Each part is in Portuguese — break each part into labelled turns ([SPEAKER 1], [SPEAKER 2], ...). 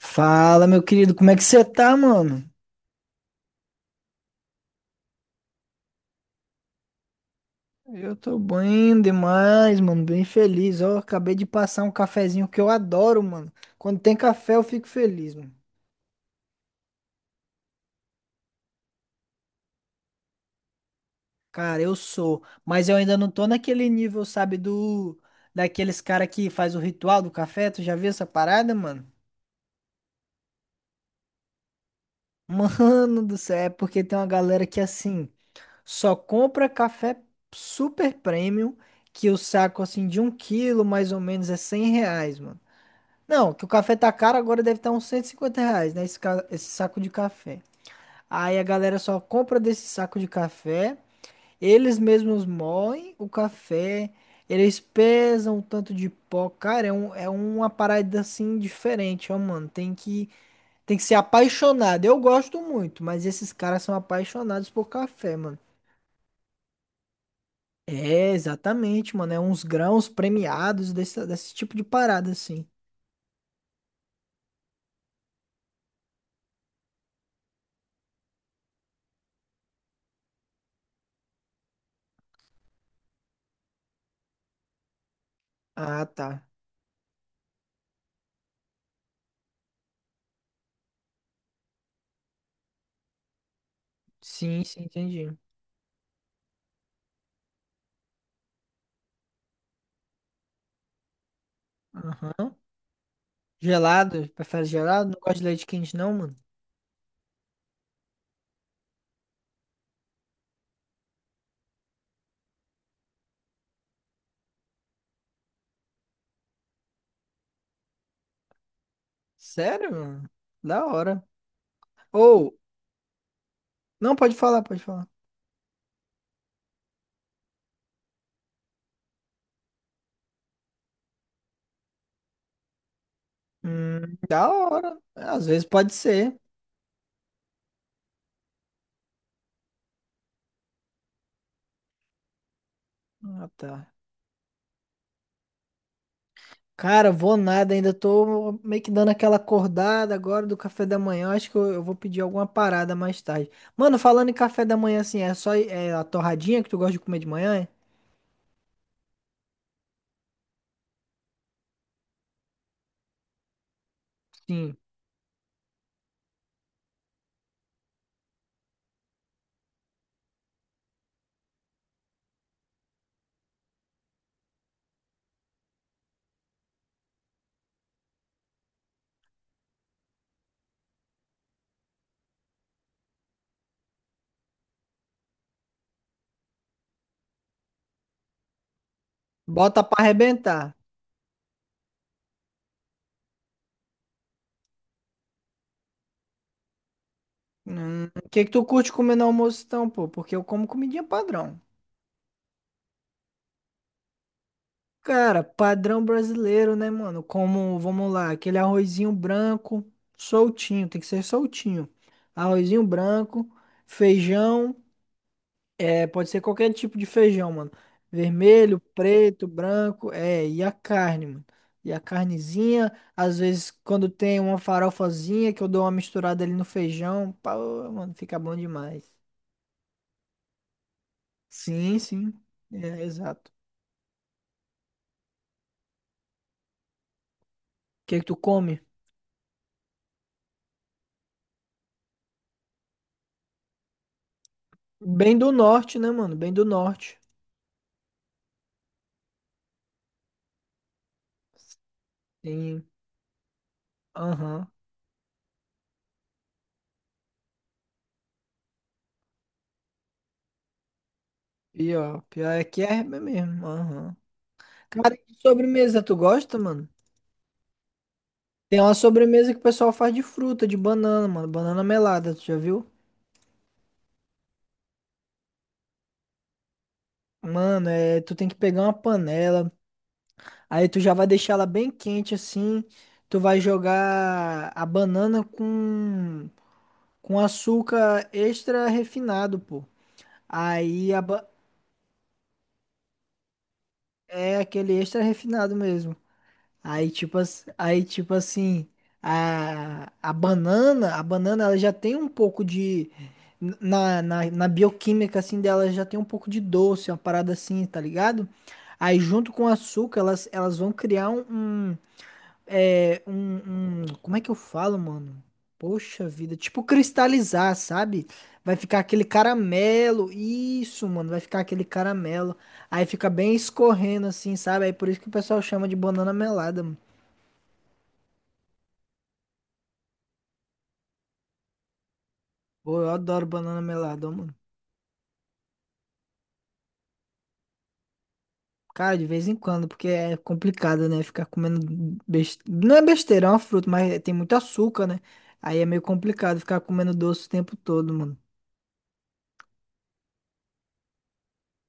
[SPEAKER 1] Fala, meu querido, como é que você tá, mano? Eu tô bem demais, mano, bem feliz. Ó, acabei de passar um cafezinho que eu adoro, mano. Quando tem café, eu fico feliz, mano. Cara, eu sou, mas eu ainda não tô naquele nível, sabe, do daqueles cara que faz o ritual do café. Tu já viu essa parada, mano? Mano do céu, é porque tem uma galera que assim, só compra café super premium, que o saco assim de um quilo mais ou menos é R$ 100, mano. Não, que o café tá caro, agora deve estar uns R$ 150, né? Esse saco de café. Aí a galera só compra desse saco de café, eles mesmos moem o café, eles pesam o tanto de pó. Cara, é uma parada assim diferente, ó, mano. Tem que ser apaixonado. Eu gosto muito, mas esses caras são apaixonados por café, mano. É, exatamente, mano. É uns grãos premiados desse tipo de parada, assim. Ah, tá. Sim, sim, entendi. Aham. Gelado? Prefere gelado? Não gosta de leite quente, não, mano? Sério, mano? Da hora. Ou, não, pode falar, pode falar. Da hora. Às vezes pode ser. Ah, tá. Cara, vou nada, ainda tô meio que dando aquela acordada agora do café da manhã. Acho que eu vou pedir alguma parada mais tarde. Mano, falando em café da manhã, assim, é só é a torradinha que tu gosta de comer de manhã, é? Sim. Bota pra arrebentar. O que que tu curte comer no almoço, então, pô? Porque eu como comidinha padrão. Cara, padrão brasileiro, né, mano? Como, vamos lá, aquele arrozinho branco, soltinho, tem que ser soltinho. Arrozinho branco, feijão, é, pode ser qualquer tipo de feijão, mano. Vermelho, preto, branco, é, e a carne, mano. E a carnezinha, às vezes quando tem uma farofazinha que eu dou uma misturada ali no feijão, pá, mano, fica bom demais. Sim, sim, é, exato. O que que tu come? Bem do norte, né, mano? Bem do norte. Sim, aham. Pior, pior é que é RB mesmo, aham. Cara, que sobremesa tu gosta, mano? Tem uma sobremesa que o pessoal faz de fruta, de banana, mano. Banana melada, tu já viu? Mano, tu tem que pegar uma panela, aí tu já vai deixar ela bem quente assim. Tu vai jogar a banana com açúcar extra refinado, pô. Aí a ba- É aquele extra refinado mesmo. Aí tipo, tipo assim, a banana ela já tem um pouco de. Na bioquímica assim dela já tem um pouco de doce, uma parada assim, tá ligado? Aí junto com o açúcar, elas vão criar um, um. Como é que eu falo, mano? Poxa vida, tipo cristalizar, sabe? Vai ficar aquele caramelo. Isso, mano, vai ficar aquele caramelo. Aí fica bem escorrendo assim, sabe? Aí por isso que o pessoal chama de banana melada, mano. Pô, eu adoro banana melada, ó, mano. Cara, de vez em quando, porque é complicado, né? Ficar comendo besteira. Não é besteira, é uma fruta, mas tem muito açúcar, né? Aí é meio complicado ficar comendo doce o tempo todo, mano.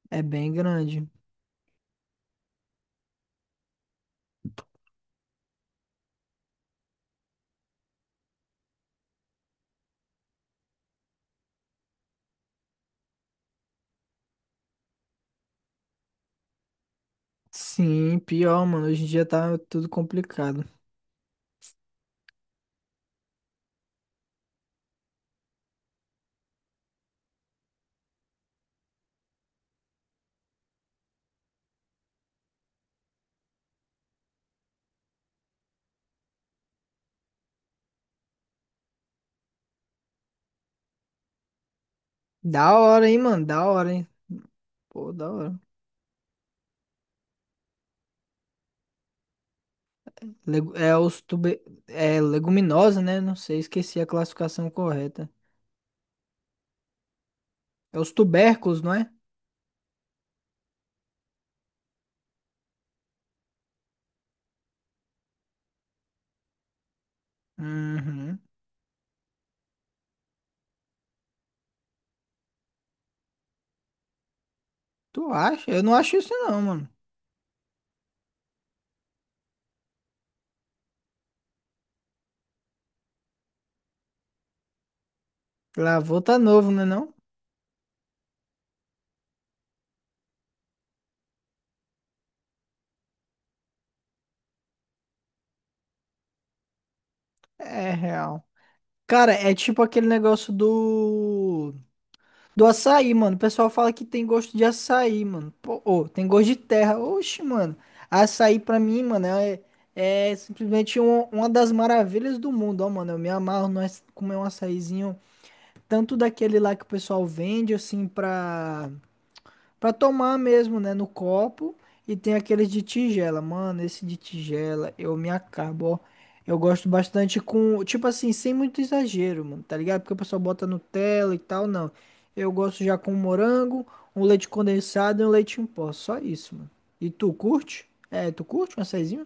[SPEAKER 1] É bem grande. Sim, pior, mano. Hoje em dia tá tudo complicado. Da hora, hein, mano? Da hora, hein? Pô, da hora. Legu- É os tube... É leguminosa, né? Não sei, esqueci a classificação correta. É os tubérculos, não é? Uhum. Tu acha? Eu não acho isso não, mano. Lavou tá novo, né não? É real. Cara, é tipo aquele negócio do açaí, mano. O pessoal fala que tem gosto de açaí, mano. Pô, ô, tem gosto de terra. Oxe, mano. Açaí pra mim, mano, é simplesmente uma das maravilhas do mundo, ó, mano. Eu me amarro nós comer um açaizinho, tanto daquele lá que o pessoal vende assim pra tomar mesmo, né? No copo. E tem aqueles de tigela. Mano, esse de tigela, eu me acabo, ó. Eu gosto bastante com. Tipo assim, sem muito exagero, mano, tá ligado? Porque o pessoal bota Nutella e tal, não. Eu gosto já com morango, um leite condensado e um leite em pó. Só isso, mano. E tu curte? É, tu curte um açaizinho?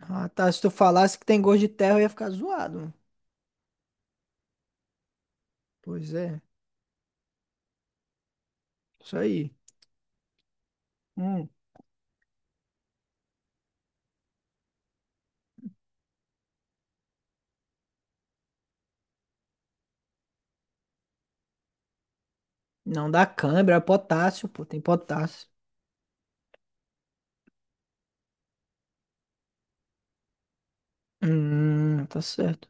[SPEAKER 1] Ah, tá. Se tu falasse que tem gosto de terra, eu ia ficar zoado, mano. Pois é. Isso aí. Hum. Não dá câimbra, é potássio, pô. Tem potássio. Tá certo.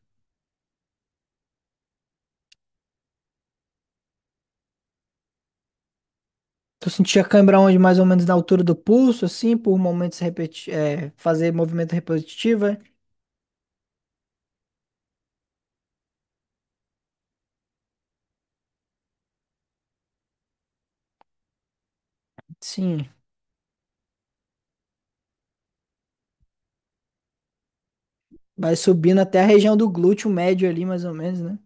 [SPEAKER 1] Tu sentia cãibra onde? Mais ou menos na altura do pulso, assim, por momentos repeti fazer movimento repetitivo, é? Sim. Vai subindo até a região do glúteo médio ali, mais ou menos, né?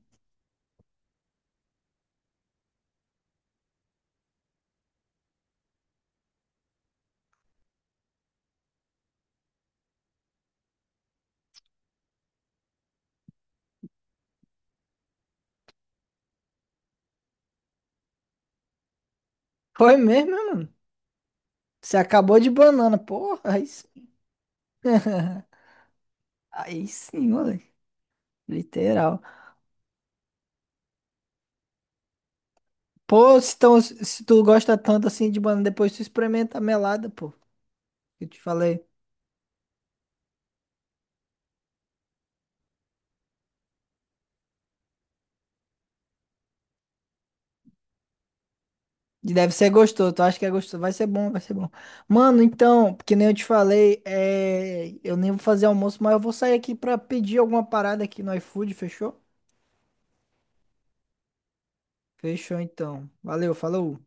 [SPEAKER 1] Foi mesmo, irmão? Você acabou de banana, porra, aí sim. Aí sim, moleque. Literal. Pô, se tu gosta tanto assim de banana, depois tu experimenta a melada, pô. Eu te falei. Deve ser gostoso, tu acha que é gostoso? Vai ser bom, vai ser bom. Mano, então, que nem eu te falei, eu nem vou fazer almoço, mas eu vou sair aqui pra pedir alguma parada aqui no iFood, fechou? Fechou então. Valeu, falou.